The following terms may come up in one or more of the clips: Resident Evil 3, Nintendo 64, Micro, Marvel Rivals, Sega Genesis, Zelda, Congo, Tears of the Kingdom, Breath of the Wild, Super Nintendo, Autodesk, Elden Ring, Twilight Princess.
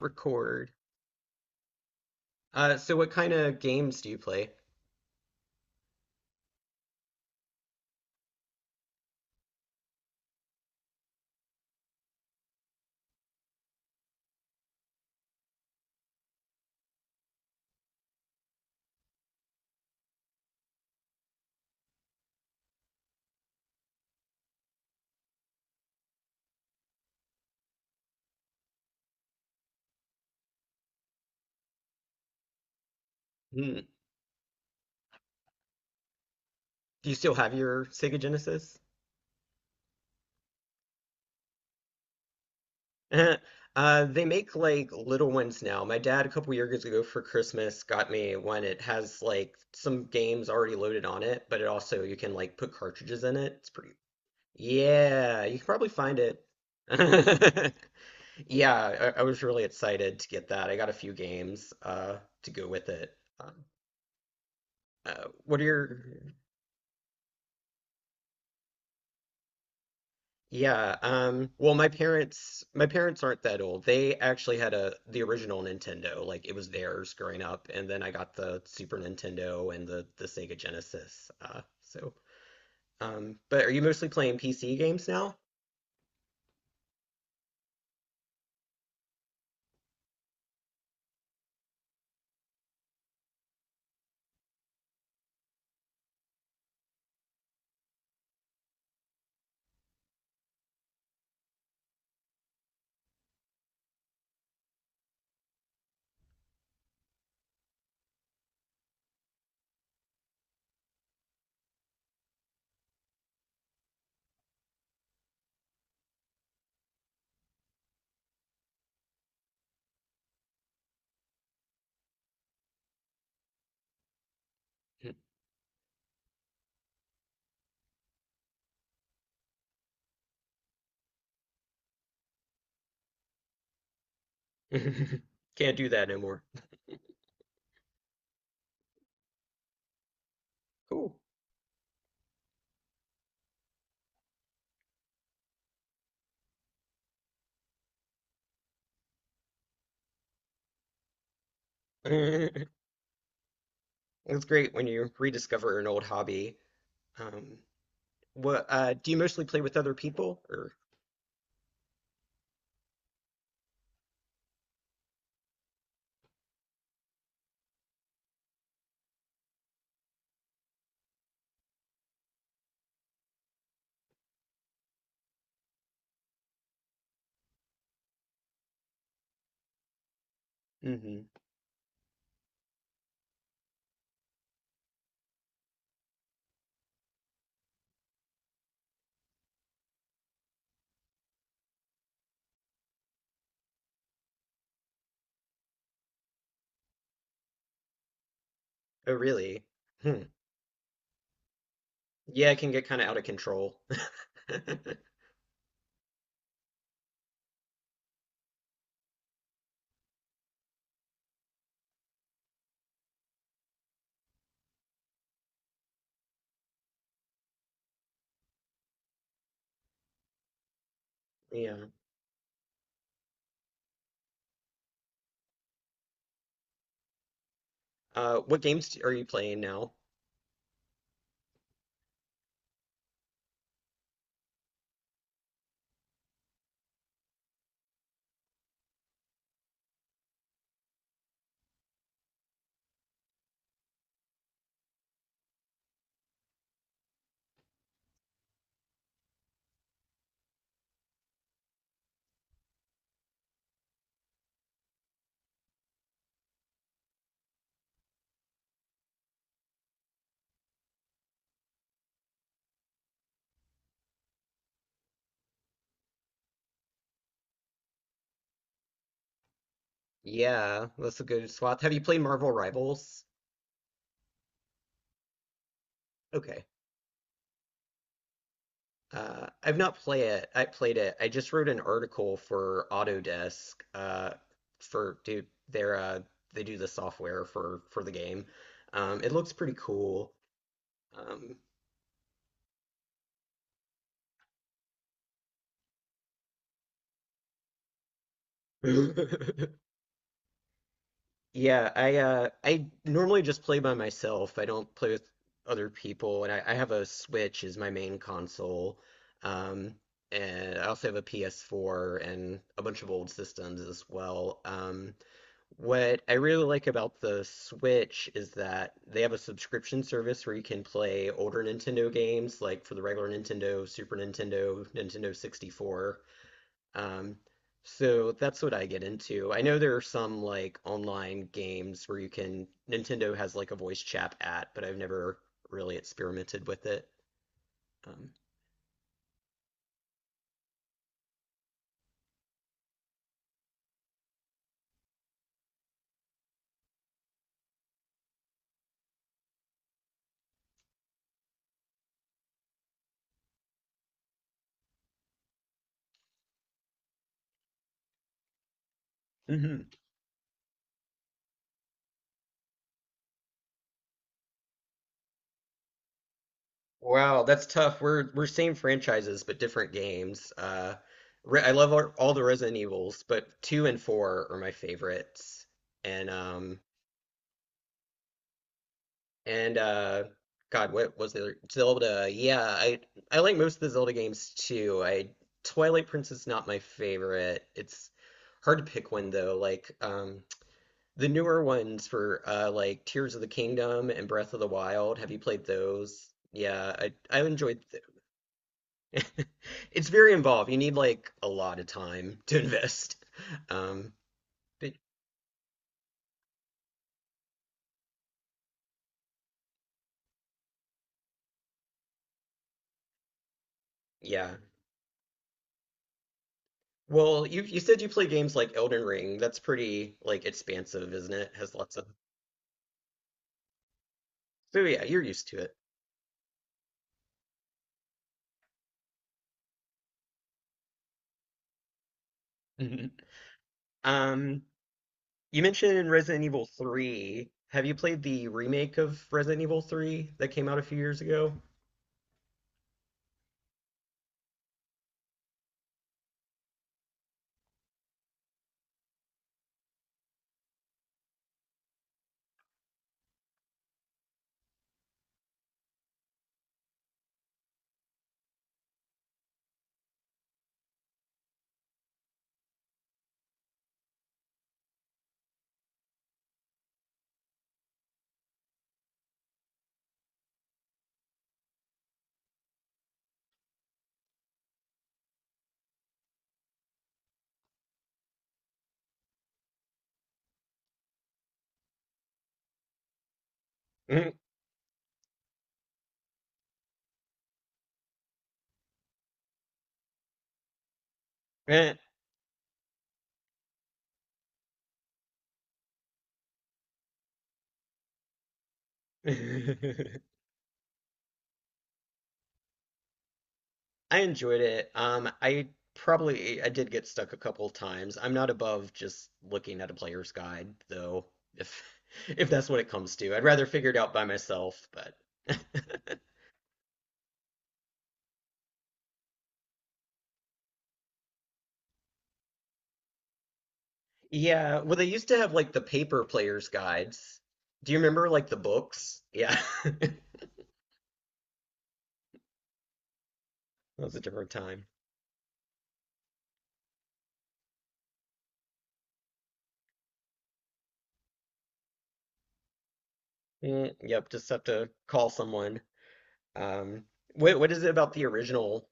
Record. So what kind of games do you play? Hmm. Do you still have your Sega Genesis? They make like little ones now. My dad, a couple years ago for Christmas, got me one. It has like some games already loaded on it, but it also you can like put cartridges in it. It's pretty. Yeah, you can probably find it. Yeah, I was really excited to get that. I got a few games to go with it. What are your… Yeah, well, my parents aren't that old. They actually had a the original Nintendo, like it was theirs growing up, and then I got the Super Nintendo and the Sega Genesis. But are you mostly playing PC games now? Can't do that no more. Cool. It's great when you rediscover an old hobby. Um, what Do you mostly play with other people, or? Hmm. Oh, really? Hmm. Yeah, it can get kind of out of control. Yeah. What games are you playing now? Yeah, that's a good swath. Have you played Marvel Rivals? Okay. I've not play it. I played it. I just wrote an article for Autodesk. Their they do the software for the game. It looks pretty cool. Um, Yeah, I normally just play by myself. I don't play with other people, and I have a Switch as my main console. Um, and I also have a PS4 and a bunch of old systems as well. What I really like about the Switch is that they have a subscription service where you can play older Nintendo games, like for the regular Nintendo, Super Nintendo, Nintendo 64. Um, so that's what I get into. I know there are some like online games where you can, Nintendo has like a voice chat app, but I've never really experimented with it. Um, hmm. Wow, that's tough. We're same franchises but different games. Re I love all the Resident Evils, but two and four are my favorites. And um, And God, what was the other Zelda? I like most of the Zelda games too. I Twilight Princess, not my favorite. It's hard to pick one though. The newer ones for like Tears of the Kingdom and Breath of the Wild. Have you played those? Yeah, I enjoyed th it's very involved. You need like a lot of time to invest. Um but yeah. Well, you said you play games like Elden Ring. That's pretty like expansive, isn't it? Has lots of… So yeah, you're used to it. Mhm. Um, you mentioned Resident Evil 3. Have you played the remake of Resident Evil 3 that came out a few years ago? Mm, eh. I enjoyed it. I Probably I did get stuck a couple times. I'm not above just looking at a player's guide, though, if if that's what it comes to. I'd rather figure it out by myself, but yeah, well, they used to have like the paper player's guides. Do you remember like the books? Yeah. That was a different time. Mm, yep, just have to call someone. Um, what is it about the original?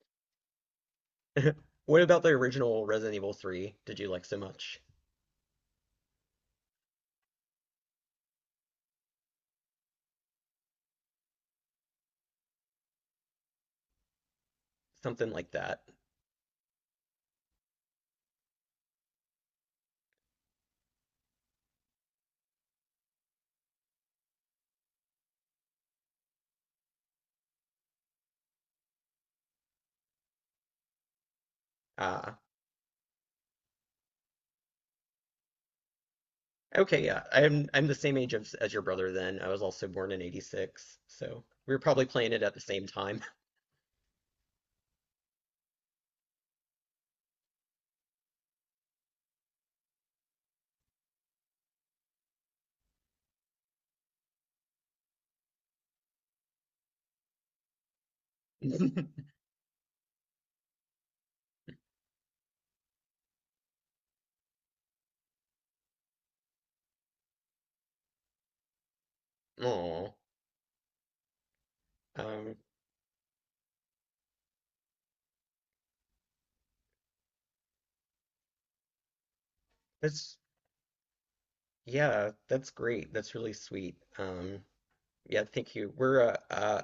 What about the original Resident Evil 3 did you like so much? Something like that. Ah, okay, yeah. I'm the same age as, your brother then. I was also born in 86, so we were probably playing it at the same time. Oh, um, that's… yeah, that's great. That's really sweet. Yeah, thank you. We're